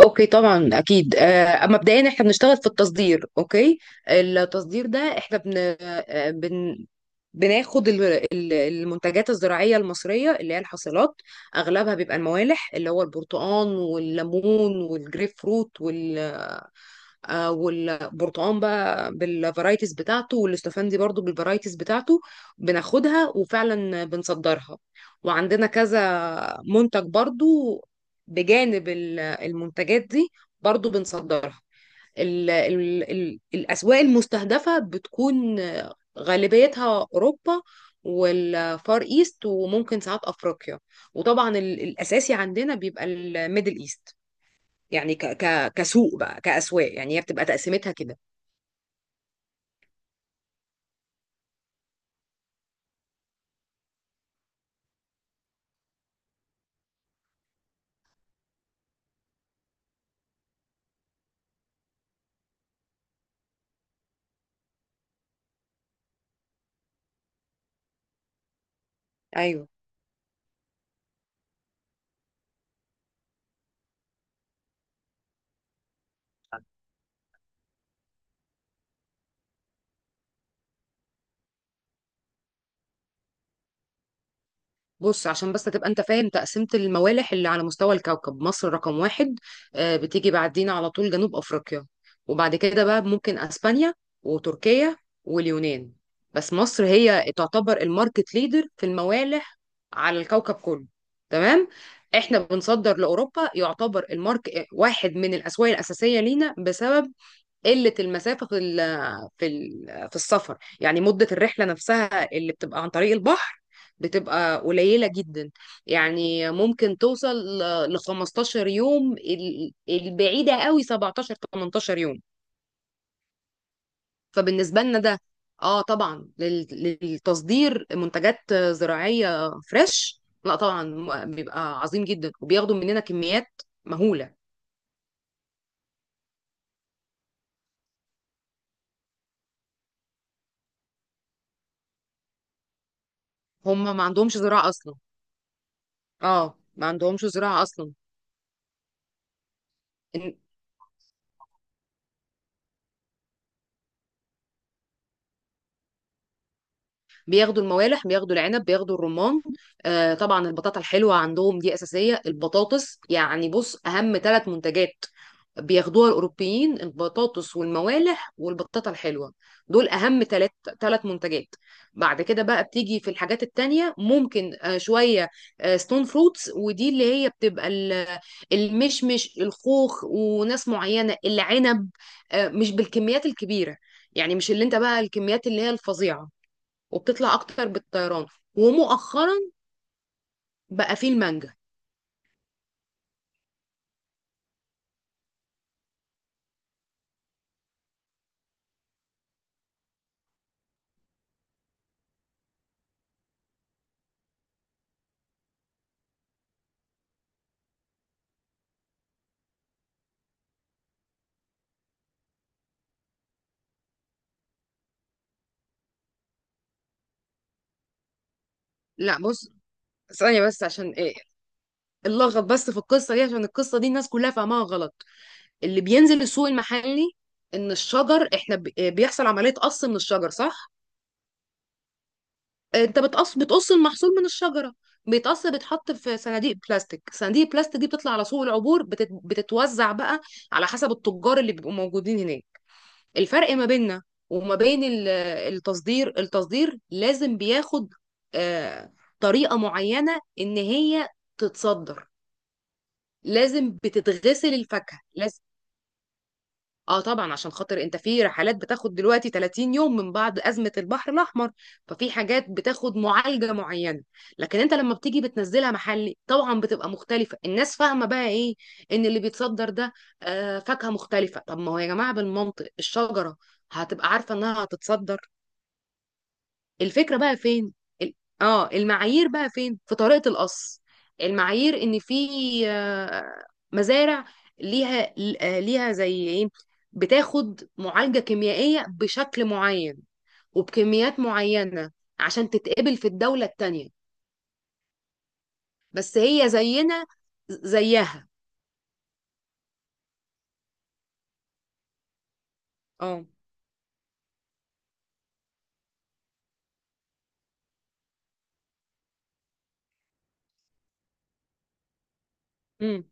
اوكي طبعا اكيد اما مبدئيا احنا بنشتغل في التصدير. اوكي، التصدير ده احنا بناخد المنتجات الزراعيه المصريه اللي هي الحاصلات. اغلبها بيبقى الموالح اللي هو البرتقال والليمون والجريب فروت، والبرتقان بقى بالفرايتيز بتاعته والاستفندي برضو بالفرايتيز بتاعته، بناخدها وفعلا بنصدرها. وعندنا كذا منتج برضو بجانب المنتجات دي برضو بنصدرها. ال الأسواق المستهدفة بتكون غالبيتها أوروبا والفار ايست وممكن ساعات افريقيا، وطبعا الاساسي عندنا بيبقى الميدل ايست. يعني ك ك كسوق بقى، كأسواق، يعني هي بتبقى تقسيمتها كده. ايوه، بص عشان بس تبقى انت فاهم، تقسيمة الموالح اللي على مستوى الكوكب مصر رقم واحد، بتيجي بعدين على طول جنوب أفريقيا، وبعد كده بقى ممكن أسبانيا وتركيا واليونان. بس مصر هي تعتبر الماركت ليدر في الموالح على الكوكب كله. تمام. احنا بنصدر لأوروبا، يعتبر المارك واحد من الأسواق الأساسية لينا بسبب قلة المسافة في ال في ال في السفر، يعني مدة الرحلة نفسها اللي بتبقى عن طريق البحر بتبقى قليلة جدا، يعني ممكن توصل ل 15 يوم، البعيدة قوي 17 18 يوم. فبالنسبة لنا ده اه طبعا للتصدير منتجات زراعية فريش لا طبعا بيبقى عظيم جدا، وبياخدوا مننا كميات مهولة. هم ما عندهمش زراعة أصلا. اه ما عندهمش زراعة أصلا. بياخدوا الموالح، بياخدوا العنب، بياخدوا الرمان، آه طبعا البطاطا الحلوه عندهم دي اساسيه، البطاطس. يعني بص، اهم ثلاث منتجات بياخدوها الاوروبيين البطاطس والموالح والبطاطا الحلوه، دول اهم ثلاث منتجات. بعد كده بقى بتيجي في الحاجات التانية ممكن شويه ستون فروتس، ودي اللي هي بتبقى المشمش، الخوخ، وناس معينه العنب. مش بالكميات الكبيره، يعني مش اللي انت بقى الكميات اللي هي الفظيعه، وبتطلع اكتر بالطيران. ومؤخرا بقى فيه المانجا. لا بص، ثانية بس عشان ايه اللغط بس في القصة دي، عشان القصة دي الناس كلها فاهماها غلط. اللي بينزل السوق المحلي، ان الشجر احنا بيحصل عملية قص من الشجر صح؟ انت بتقص المحصول من الشجرة، بيتقص، بيتحط في صناديق بلاستيك، صناديق البلاستيك دي بتطلع على سوق العبور، بتتوزع بقى على حسب التجار اللي بيبقوا موجودين هناك. الفرق ما بيننا وما بين التصدير، التصدير لازم بياخد آه، طريقة معينة إن هي تتصدر، لازم بتتغسل الفاكهة لازم. اه طبعا عشان خاطر انت في رحلات بتاخد دلوقتي 30 يوم من بعد أزمة البحر الأحمر، ففي حاجات بتاخد معالجة معينة. لكن انت لما بتيجي بتنزلها محلي طبعا بتبقى مختلفة. الناس فاهمة بقى ايه، ان اللي بيتصدر ده آه فاكهة مختلفة. طب ما هو يا جماعة بالمنطق الشجرة هتبقى عارفة انها هتتصدر؟ الفكرة بقى فين؟ ال- اه المعايير بقى فين في طريقة القص. المعايير ان في آه، مزارع ليها ليها زي ايه، بتاخد معالجة كيميائية بشكل معين وبكميات معينة عشان تتقبل في الدولة التانية. بس هي زينا زيها. اه. امم.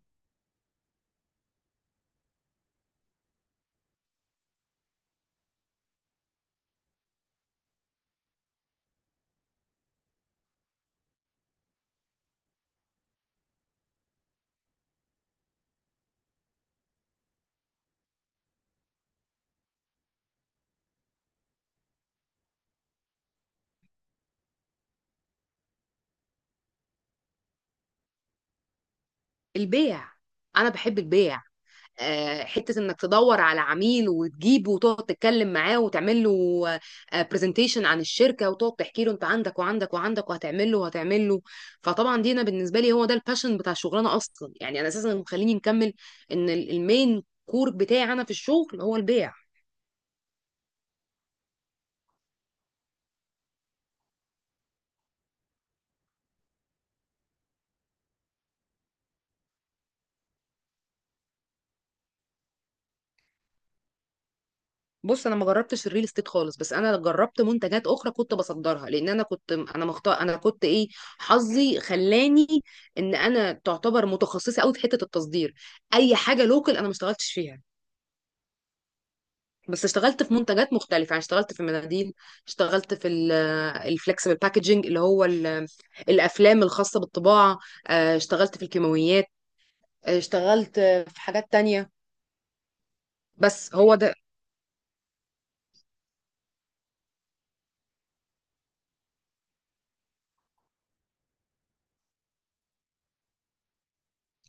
البيع. انا بحب البيع. حته انك تدور على عميل وتجيبه وتقعد تتكلم معاه وتعمل له برزنتيشن عن الشركه وتقعد تحكي له انت عندك وعندك وعندك وهتعمل له وهتعمل له. فطبعا دي انا بالنسبه لي هو ده الباشن بتاع الشغلانه اصلا، يعني انا اساسا اللي مخليني مكمل ان المين كور بتاعي انا في الشغل هو البيع. بص انا ما جربتش الريل استيت خالص، بس انا جربت منتجات اخرى كنت بصدرها. لان انا كنت، انا مختار، انا كنت ايه، حظي خلاني ان انا تعتبر متخصصه قوي في حته التصدير. اي حاجه لوكال انا ما اشتغلتش فيها، بس اشتغلت في منتجات مختلفه. يعني اشتغلت في المناديل، اشتغلت في الفلكسبل باكجينج اللي هو الافلام الخاصه بالطباعه، اه اشتغلت في الكيماويات، اه اشتغلت في حاجات تانية. بس هو ده.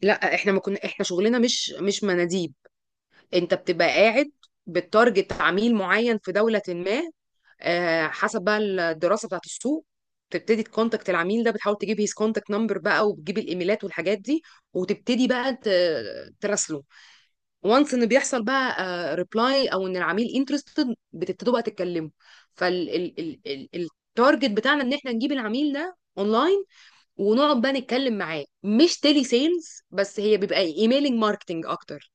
لا احنا ما كنا احنا شغلنا مش مناديل. انت بتبقى قاعد بتارجت عميل معين في دولة ما، حسب بقى الدراسة بتاعت السوق، تبتدي تكونتاكت العميل ده، بتحاول تجيب هيز كونتاكت نمبر بقى وبتجيب الايميلات والحاجات دي، وتبتدي بقى تراسله، وانس ان بيحصل بقى ريبلاي او ان العميل انترستد بتبتدوا بقى تتكلموا. فالتارجت بتاعنا ان احنا نجيب العميل ده اونلاين ونقعد بقى نتكلم معاه. مش تيلي سيلز، بس هي بيبقى ايميلنج ماركتنج اكتر.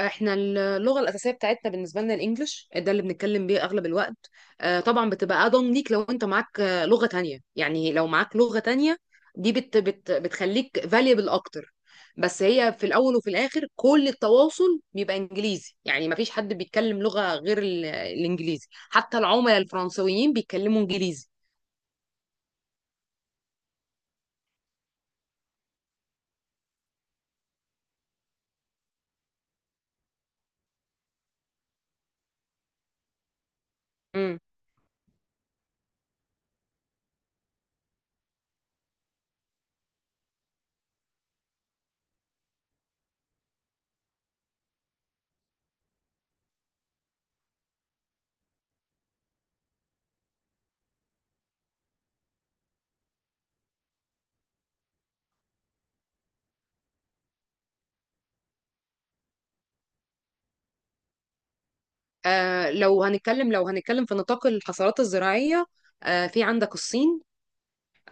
احنا اللغه الاساسيه بتاعتنا بالنسبه لنا الانجليش ده اللي بنتكلم بيه اغلب الوقت. طبعا بتبقى اضمن ليك لو انت معاك لغه تانية، يعني لو معاك لغه تانية دي بت بت بتخليك valuable اكتر. بس هي في الاول وفي الاخر كل التواصل بيبقى انجليزي، يعني ما فيش حد بيتكلم لغه غير الانجليزي، حتى العملاء الفرنسويين بيتكلموا انجليزي. امم. لو هنتكلم، لو هنتكلم في نطاق الحصارات الزراعيه، آه في عندك الصين،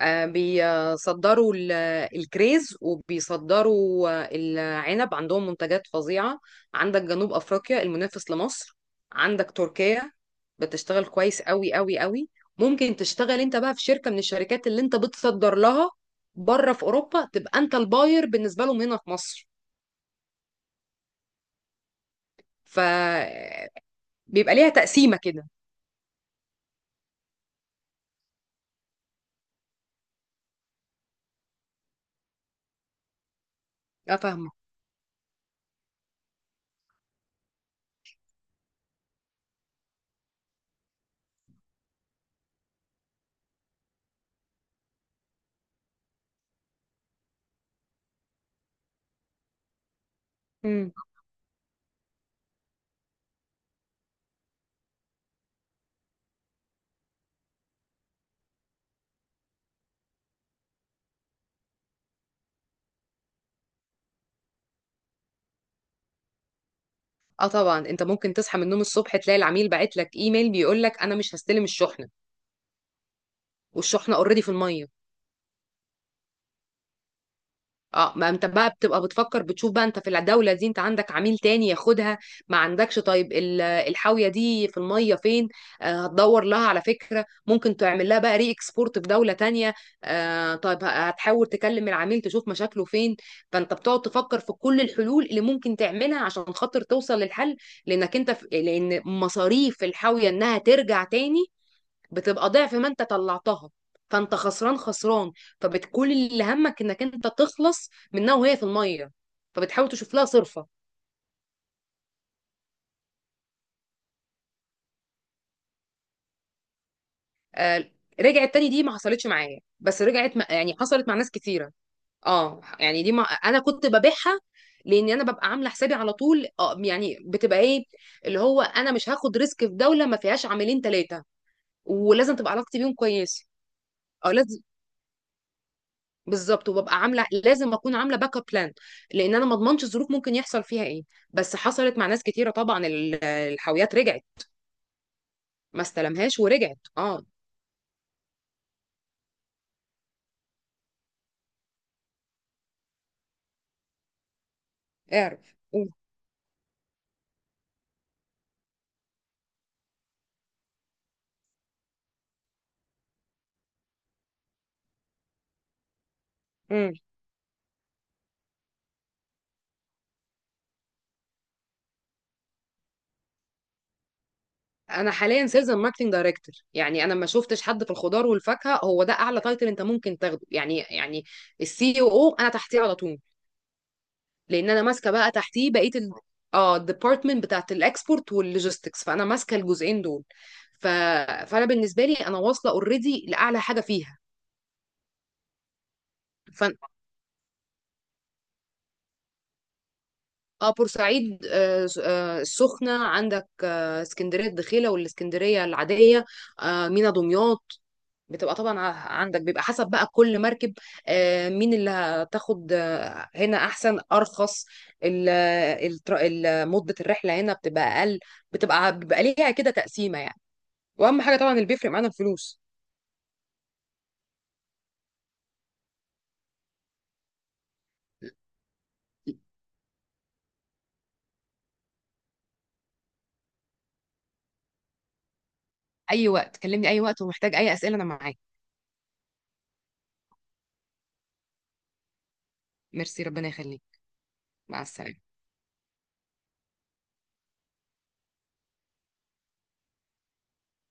بيصدروا الكريز وبيصدروا العنب، عندهم منتجات فظيعة. عندك جنوب أفريقيا المنافس لمصر، عندك تركيا بتشتغل كويس قوي قوي قوي. ممكن تشتغل انت بقى في شركة من الشركات اللي انت بتصدر لها بره في أوروبا، تبقى انت الباير بالنسبة لهم هنا في مصر. فبيبقى ليها تقسيمة كده. اه فاهمة. مم. اه طبعا، انت ممكن تصحى من النوم الصبح تلاقي العميل باعت لك ايميل بيقول لك انا مش هستلم الشحنة، والشحنة اوريدي في المية. اه ما انت بقى بتبقى بتفكر، بتشوف بقى انت في الدولة دي انت عندك عميل تاني ياخدها، ما عندكش، طيب الحاوية دي في المية فين، آه هتدور لها على فكرة ممكن تعمل لها بقى ري اكسبورت في دولة تانية، آه طيب هتحاول تكلم العميل تشوف مشاكله فين. فانت بتقعد تفكر في كل الحلول اللي ممكن تعملها عشان خاطر توصل للحل. لانك انت في... لان مصاريف الحاوية انها ترجع تاني بتبقى ضعف ما انت طلعتها، فانت خسران فبتكون اللي همك انك انت تخلص منها وهي في الميه، فبتحاول تشوف لها صرفه. آه، رجعت تاني دي ما حصلتش معايا بس رجعت يعني حصلت مع ناس كتيره. اه يعني دي ما انا كنت ببيعها، لاني انا ببقى عامله حسابي على طول، آه يعني بتبقى ايه اللي هو انا مش هاخد ريسك في دوله ما فيهاش عاملين ثلاثه، ولازم تبقى علاقتي بيهم كويسه. او لازم، بالظبط، وببقى عامله، لازم اكون عامله باك اب بلان، لان انا ما اضمنش الظروف ممكن يحصل فيها ايه. بس حصلت مع ناس كتيره طبعا الحاويات رجعت، ما استلمهاش ورجعت اه. اعرف. قول. مم. انا حاليا سيلز اند ماركتنج دايركتور. يعني انا ما شفتش حد في الخضار والفاكهه، هو ده اعلى تايتل انت ممكن تاخده يعني. يعني السي او انا تحتيه على طول. لان انا ماسكه بقى تحتيه بقيه اه الديبارتمنت بتاعت الاكسبورت واللوجيستكس، فانا ماسكه الجزئين دول. ف... فانا بالنسبه لي انا واصله اوريدي لاعلى حاجه فيها. فن... اه بورسعيد، آه السخنة عندك، آه اسكندرية الدخيلة والاسكندرية العادية، آه مينا دمياط. بتبقى طبعا عندك بيبقى حسب بقى كل مركب آه مين اللي هتاخد، آه هنا احسن، ارخص، ال- مدة الرحلة هنا بتبقى اقل، بتبقى ليها كده تقسيمة يعني. واهم حاجة طبعا اللي بيفرق معانا الفلوس. اي وقت كلمني اي وقت، ومحتاج اي اسئلة انا معاك. ميرسي، ربنا يخليك. مع السلامة.